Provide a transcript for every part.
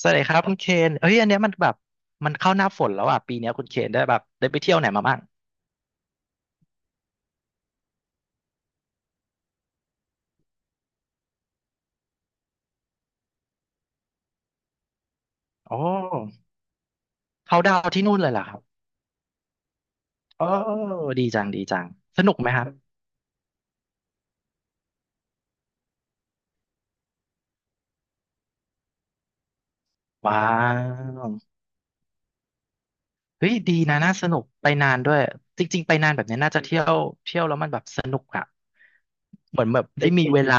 สวัสดีครับคุณเคนเอ้ยอันเนี้ยมันแบบมันเข้าหน้าฝนแล้วอ่ะปีเนี้ยคุณเคนได้แบบได้ไปเที่ยวไหนมาบ้างโอ้เขาดาวน์ที่นู่นเลยเหรอครับโอ้ดีจังสนุกไหมครับว้าวเฮ้ยดีนะน่าสนุกไปนานด้วยจริงๆไปนานแบบเนี้ยน่าจะเที่ยวแล้วมันแบบสนุกอ่ะเหมือนแบบได้มีเวลา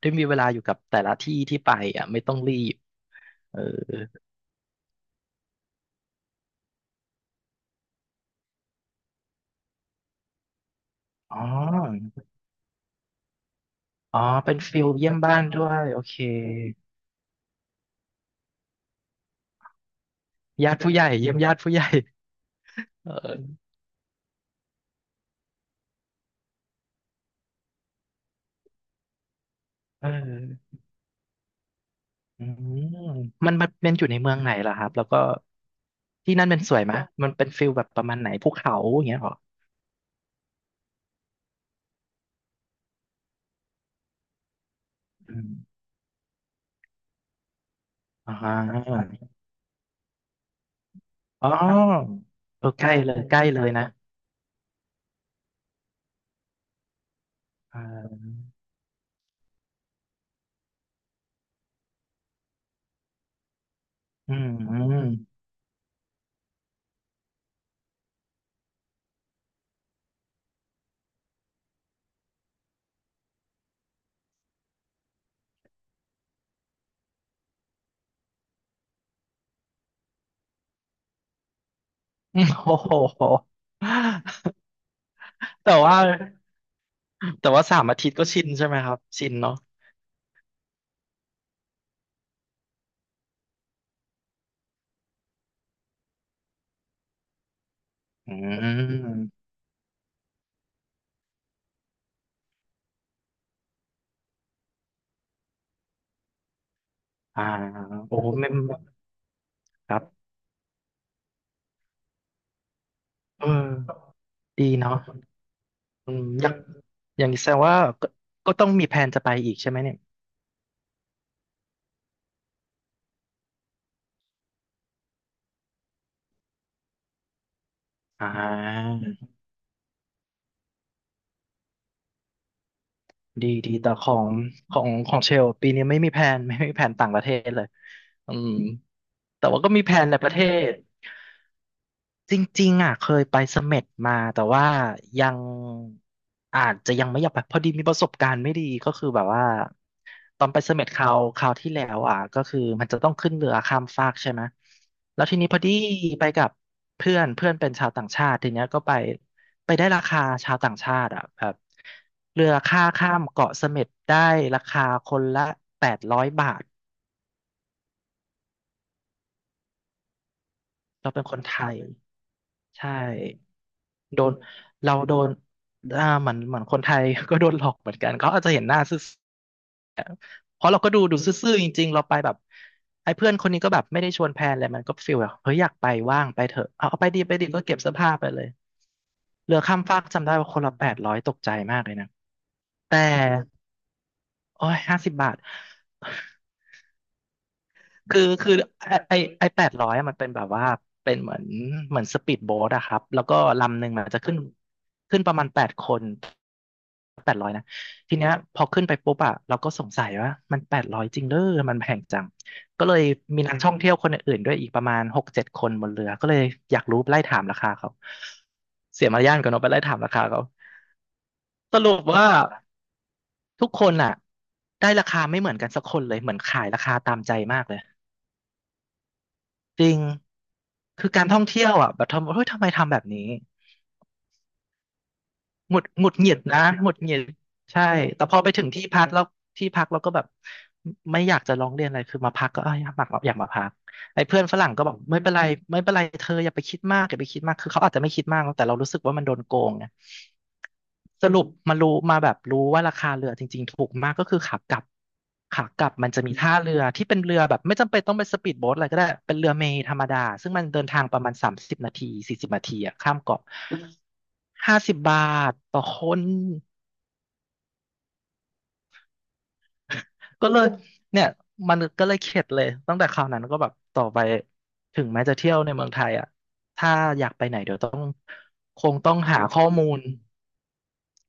ได้มีเวลาอยู่กับแต่ละที่ที่ไปอ่ะไม่ต้องรีบเอออ๋ออ๋อเป็นฟิลเยี่ยมบ้านด้วยโอเคญาติผู้ใหญ่เยี่ยมญาติผู้ใหญ่เออเออ อืมมันเป็นอยู่ในเมืองไหนล่ะครับ แล้วก็ที่นั่นเป็นสวยไหมมันเป็นฟิลแบบประมาณไหนภูเขาอย่างเงี้ยเหรออืมอ่าอ๋อเออใกล้เลยใกล้เลยนะอ่าอืมอืม โอ้โหแต่ว่าแต่ว่าสามอาทิตย์ก็ชินใช่ไหมครับ ชินเนาะอืมอ่าโอ้โหไม่ครับเออดีเนาะอืมอย่างอย่างนี้แสดงว่าก็ก็ต้องมีแผนจะไปอีกใช่ไหมเนี่ยอ่า ดีแต่ของเชลปีนี้ไม่มีแผน ไม่มีแผนต่างประเทศเลยอืมแต่ว่าก็มีแผนในประเทศ จริงๆอ่ะเคยไปเสม็ดมาแต่ว่ายังอาจจะยังไม่อยากไปพอดีมีประสบการณ์ไม่ดีก็คือแบบว่าตอนไปเสม็ดคราวที่แล้วอ่ะก็คือมันจะต้องขึ้นเรือข้ามฟากใช่ไหมแล้วทีนี้พอดีไปกับเพื่อนเพื่อนเป็นชาวต่างชาติทีเนี้ยก็ไปได้ราคาชาวต่างชาติอ่ะแบบเรือค่าข้ามเกาะเสม็ดได้ราคาคนละ800 บาทเราเป็นคนไทยใช่ โดนเราโดนอ่าเหมือนเหมือนคนไทย ก็โดนหลอกเหมือนกันเขาอาจจะเห็นหน้าซื่อเพราะเราก็ดูซื่อๆจริงๆเราไปแบบไอ้เพื่อนคนนี้ก็แบบไม่ได้ชวนแพลนอะไรมันก็ฟีลแบบเฮ้ยอยากไปว่างไปเถอะเอาไปดีก็เก็บเสื้อผ้าไปเลยเรือข้ามฟากจำได้ว่าคนละแปดร้อยตกใจมากเลยนะแต่โอ้ยห้าสิบบาท คือไอไอแปดร้อยมันเป็นแบบว่าเป็นเหมือนเหมือนสปีดโบ๊ทอะครับแล้วก็ลำหนึ่งมันจะขึ้นประมาณ8 คนแปดร้อยนะทีเนี้ยพอขึ้นไปปุ๊บอะเราก็สงสัยว่ามันแปดร้อยจริงเด้อมันแพงจังก็เลยมีนักท่องเที่ยวคนอื่นๆด้วยอีกประมาณ6-7 คนบนเรือก็เลยอยากรู้ไล่ถามราคาเขาเสียมารยาทกันเนาะไปไล่ถามราคาเขาสรุปว่าทุกคนอะได้ราคาไม่เหมือนกันสักคนเลยเหมือนขายราคาตามใจมากเลย จริงคือการท่องเที่ยวอ่ะแบบทำเฮ้ยทำไมทำแบบนี้หงุดหงิดนะหงุดหงิดใช่แต่พอไปถึงที่พักแล้วที่พักเราก็แบบไม่อยากจะร้องเรียนอะไรคือมาพักก็เอยอยากมาพักไอ้เพื่อนฝรั่งก็บอกไม่เป็นไรเธออย่าไปคิดมากอย่าไปคิดมากคือเขาอาจจะไม่คิดมากแต่เรารู้สึกว่ามันโดนโกงไง สรุปมารู้มาแบบรู้ว่าราคาเรือจริงๆถูกมากก็คือขากลับมันจะมีท่าเรือที่เป็นเรือแบบไม่จำเป็นต้องเป็นสปีดโบ๊ทอะไรก็ได้เป็นเรือเมล์ธรรมดาซึ่งมันเดินทางประมาณ30 นาที40 นาทีอะข้ามเกาะห้าสิบบาทต่อคนก็เลยเนี่ยมันก็เลยเข็ดเลยตั้งแต่คราวนั้นก็แบบต่อไปถึงแม้จะเที่ยวในเมืองไทยอะถ้าอยากไปไหนเดี๋ยวต้องคงต้องหาข้อมูล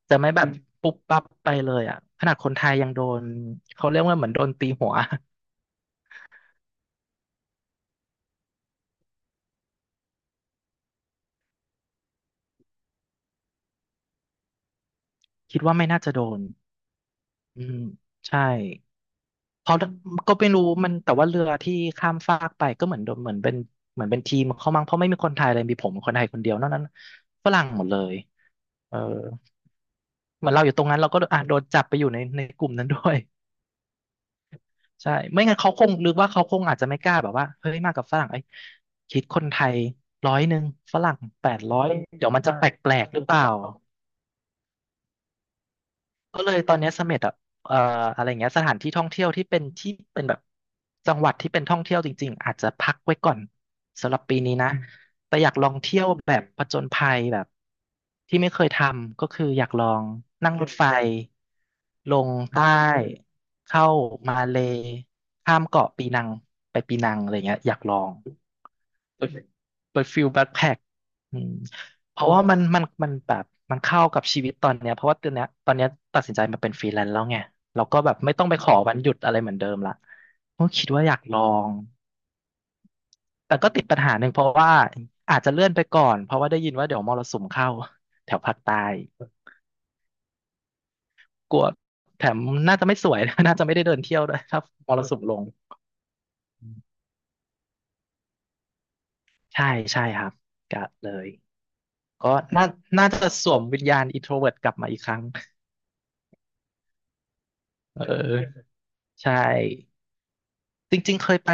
จะไม่แบบปุ๊บปั๊บไปเลยอ่ะขนาดคนไทยยังโดนเขาเรียกว่าเหมือนโดนตีหัว คิดว่าไม่น่าจะโดนอืมใช่เพราะก็ไม่รู้มันแต่ว่าเรือที่ข้ามฟากไปก็เหมือนโดนเหมือนเป็นทีมเขามั้งเพราะไม่มีคนไทยเลยมีผมคนไทยคนเดียวนอกนั้นฝรั่งหมดเลยเออเหมือนเราอยู่ตรงนั้นเราก็อ่ะโดนจับไปอยู่ในกลุ่มนั้นด้วย ใช่ ไม่งั้นเขาคงนึกว่าเขาคงอาจจะไม่กล้าแบบว่า เฮ้ยมากับฝรั่งไอ้ยคิดคนไทยร้อยหนึ่งฝรั่งแปดร้อยเดี๋ยวมันจะแปลกหรือเปล่า ก็เลยตอนเนี้ยเสม็ดอ่ะเอ่ออะไรเงี้ยสถานที่ท่องเที่ยวที่เป็นที่เป็นแบบจังหวัดที่เป็นท่องเที่ยวจริงๆอาจจะพักไว้ก่อนสำหรับปีนี้นะแต่อยากลองเที่ยวแบบผจญภัยแบบที่ไม่เคยทำก็คืออยากลองนั่งรถไฟลงใต้เข้ามาเลย์ข้ามเกาะปีนังไปปีนังอะไรเงี้ยอยากลอง เปิดเปิดฟิลแบ็คแพ็คอืมเพราะว่ามันแบบมันเข้ากับชีวิตตอนเนี้ยเพราะว่าตอนเนี้ยตัดสินใจมาเป็นฟรีแลนซ์แล้วไงเราก็แบบไม่ต้องไปขอวันหยุดอะไรเหมือนเดิมละก็คิดว่าอยากลองแต่ก็ติดปัญหาหนึ่งเพราะว่าอาจจะเลื่อนไปก่อนเพราะว่าได้ยินว่าเดี๋ยวมรสุมเข้าแถวภาคใต้กลัวแถมน่าจะไม่สวย น่าจะไม่ได้เดินเที่ยวด้วยถ้ามรสุมลงใช่ใช่ครับกะเลยก็น่าน่าจะสวมวิญญาณ introvert กลับมาอีกครั้งเออ ใช่จริงๆเคยไป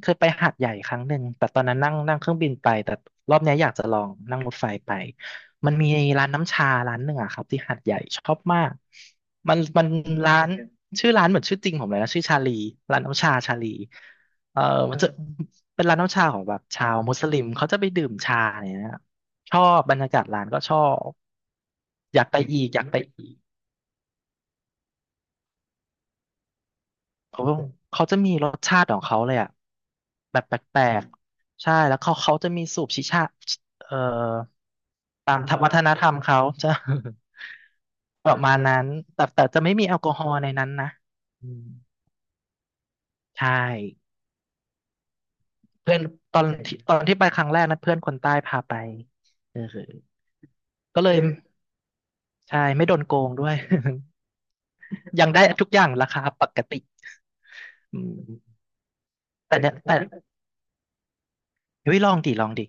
เคยไปหาดใหญ่ครั้งหนึ่งแต่ตอนนั้นนั่งนั่งเครื่องบินไปแต่รอบเนี้ยอยากจะลองนั่งรถไฟไปมันมีร้านน้ำชาร้านหนึ่งอะครับที่หาดใหญ่ชอบมากมันร้านชื่อร้านเหมือนชื่อจริงผมเลยนะชื่อชาลีร้านน้ำชาชาลีเออมันจะเป็นร้านน้ำชาของแบบชาวมุสลิมเขาจะไปดื่มชาเนี่ยนะชอบบรรยากาศร้านก็ชอบอยากไปอีกอยากไปอีก เขาเขาจะมีรสชาติของเขาเลยอ่ะแบบแปลกๆใช่แล้วเขาจะมีสูบชิชาเอ่อตามธรรมวัฒนธรรมเขาจะ ประมาณนั้นแต่แต่จะไม่มีแอลกอฮอล์ในนั้นนะอืมใช่เพื่อนตอนที่ไปครั้งแรกนะเพื่อนคนใต้พาไปเออก็เลยใช่ไม่โดนโกงด้วย ยังได้ทุกอย่างราคาปกติอืมแต่เนี่ยแต่เฮ้ยลองดิลองดิ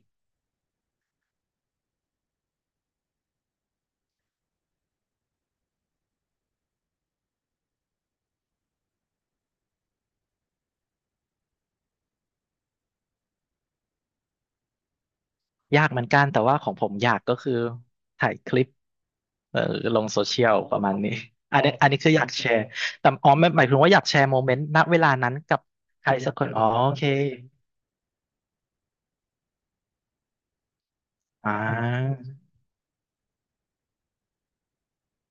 ยากเหมือนกันแต่ว่าของผมยากก็คือถ่ายคลิปเออลงโซเชียลประมาณนี้อันนี้คืออยากแชร์แต่อ๋อไม่หมายถึงว่าอยากแชร์โมเมนต์ณเวลานั้นกับใครสักคนอ๋อโอเคอ่า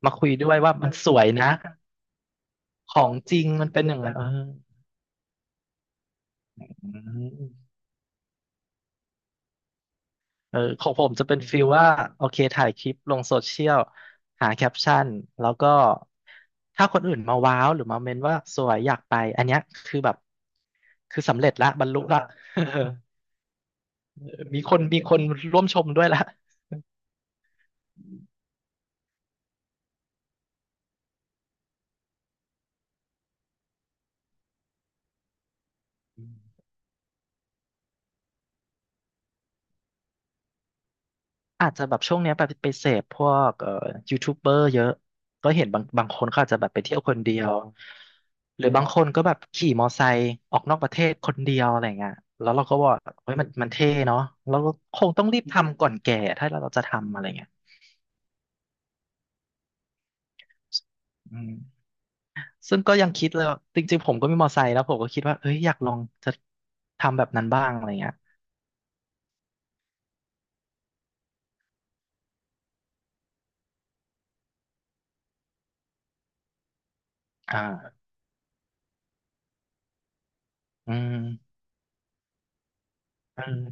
มาคุยด้วยว่ามันสวยนะของจริงมันเป็นอย่างนั้นเอออืม เออของผมจะเป็นฟีลว่าโอเคถ่ายคลิปลงโซเชียลหาแคปชั่นแล้วก็ถ้าคนอื่นมาว้าวหรือมาเมนว่าสวยอยากไปอันเนี้ยคือแบบคือสำเร็จละบรรลุละ มีคนร่วมชมด้วยละ อาจจะแบบช่วงเนี้ยไปไปเสพพวกยูทูบเบอร์เยอะ ก็เห็นบางบางคนเขาอาจจะแบบไปเที่ยวคนเดียว หรือบางคนก็แบบขี่มอไซค์ออกนอกประเทศคนเดียวอะไรเงี้ยแล้วเราก็ว่าเฮ้ยมันเท่เนาะเราก็คงต้องรีบทำก่อนแก่ถ้าเราจะทำอะไรเงี้ยอืมซึ่งก็ยังคิดเลยว่าจริงๆผมก็มีมอไซค์แล้วผมก็คิดว่าเอ้ยอยากลองจะทำแบบนั้นบ้างอะไรเงี้ยอ่าอืมอืม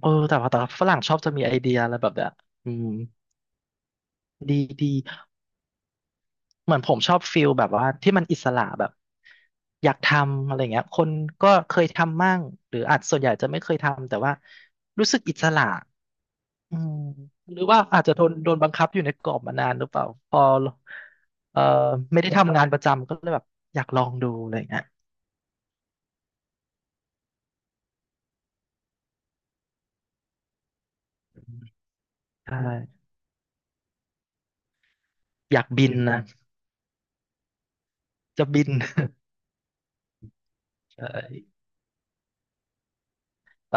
เออแต่ว่าฝรั่งชอบจะมีไอเดียอะไรแบบเนี้ยอืมดีดี เหมือนผมชอบฟิลแบบว่าที่มันอิสระแบบอยากทำอะไรเงี้ยคนก็เคยทำมั่งหรืออาจส่วนใหญ่จะไม่เคยทำแต่ว่ารู้สึกอิสระอืมหรือว่าอาจจะโดนบังคับอยู่ในกรอบมานานหรือเปล่าพอเอ่อไม่ได้ทำงานประจำก็เลยแบบอยากลองดูอะไรเงี้ยใช่อยากบินนะจะบิน ใช่ แต่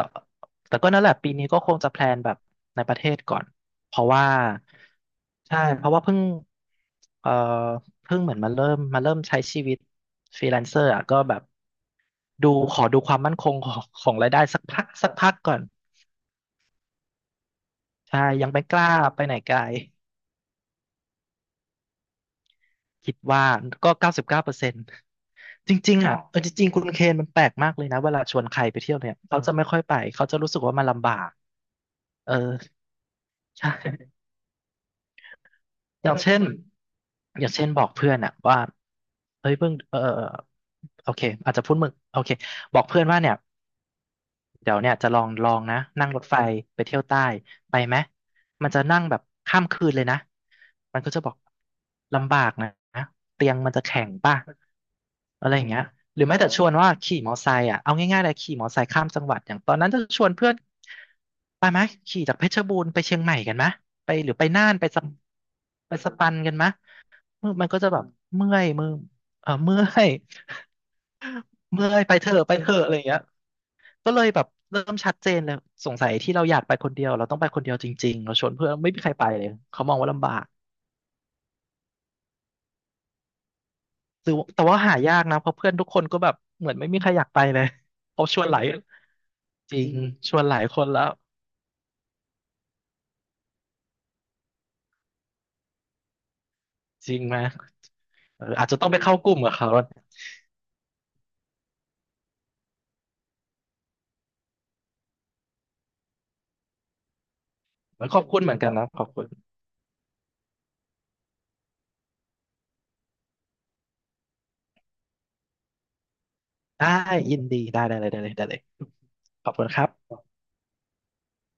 แต่ก็นั่นแหละปีนี้ก็คงจะแพลนแบบในประเทศก่อนเพราะว่าใช่เพราะว่าเพิ่งเอ่อเพิ่งเหมือนมาเริ่มใช้ชีวิตฟรีแลนเซอร์อ่ะก็แบบดูขอดูความมั่นคง ของของรายได้สักพักก่อนใช่ยังไม่กล้าไปไหนไกลคิดว่าก็99%จริงๆอ่ะเออจริงๆคุณเคนมันแปลกมากเลยนะเวลาชวนใครไปเที่ยวเนี่ยเขาจะไม่ค่อยไปเขาจะรู้สึกว่ามันลำบากเออใช่ อย่างเช่นอย่างเช่นบอกเพื่อนอะว่าเฮ้ยเพิ่งเออโอเคอาจจะพูดมึงโอเคบอกเพื่อนว่าเนี่ยเดี๋ยวเนี่ยจะลองลองนะนั่งรถไฟไปเที่ยวใต้ไปไหมมันจะนั่งแบบข้ามคืนเลยนะมันก็จะบอกลำบากนะเตียงมันจะแข็งป่ะอะไรอย่างเงี้ยหรือแม้แต่ชวนว่าขี่มอไซค์อ่ะเอาง่ายๆเลยขี่มอไซค์ข้ามจังหวัดอย่างตอนนั้นจะชวนเพื่อนไปไหมขี่จากเพชรบูรณ์ไปเชียงใหม่กันไหมไปหรือไปน่านไปสะไปสปันกันไหม มือมันก็จะแบบเมื่อยมือเออเมื่อย เมื่อยไปเถอะไปเถอะอะไรอย่างเงี้ยก็เลยแบบเริ่มชัดเจนเลยสงสัยที่เราอยากไปคนเดียวเราต้องไปคนเดียวจริงๆเราชวนเพื่อนไม่มีใครไปเลยเขามองว่าลำบากแต่ว่าหายากนะเพราะเพื่อนทุกคนก็แบบเหมือนไม่มีใครอยากไปเลยเขาชวนหลายจริงชวนหลายคนแล้วจริงไหมเอออาจจะต้องไปเข้ากลุ่มกับเขาขอบคุณเหมือนกันนะขอบคุณได้ยินดีได้ได้เลยได้เลยได้เลยขอบคุณครับ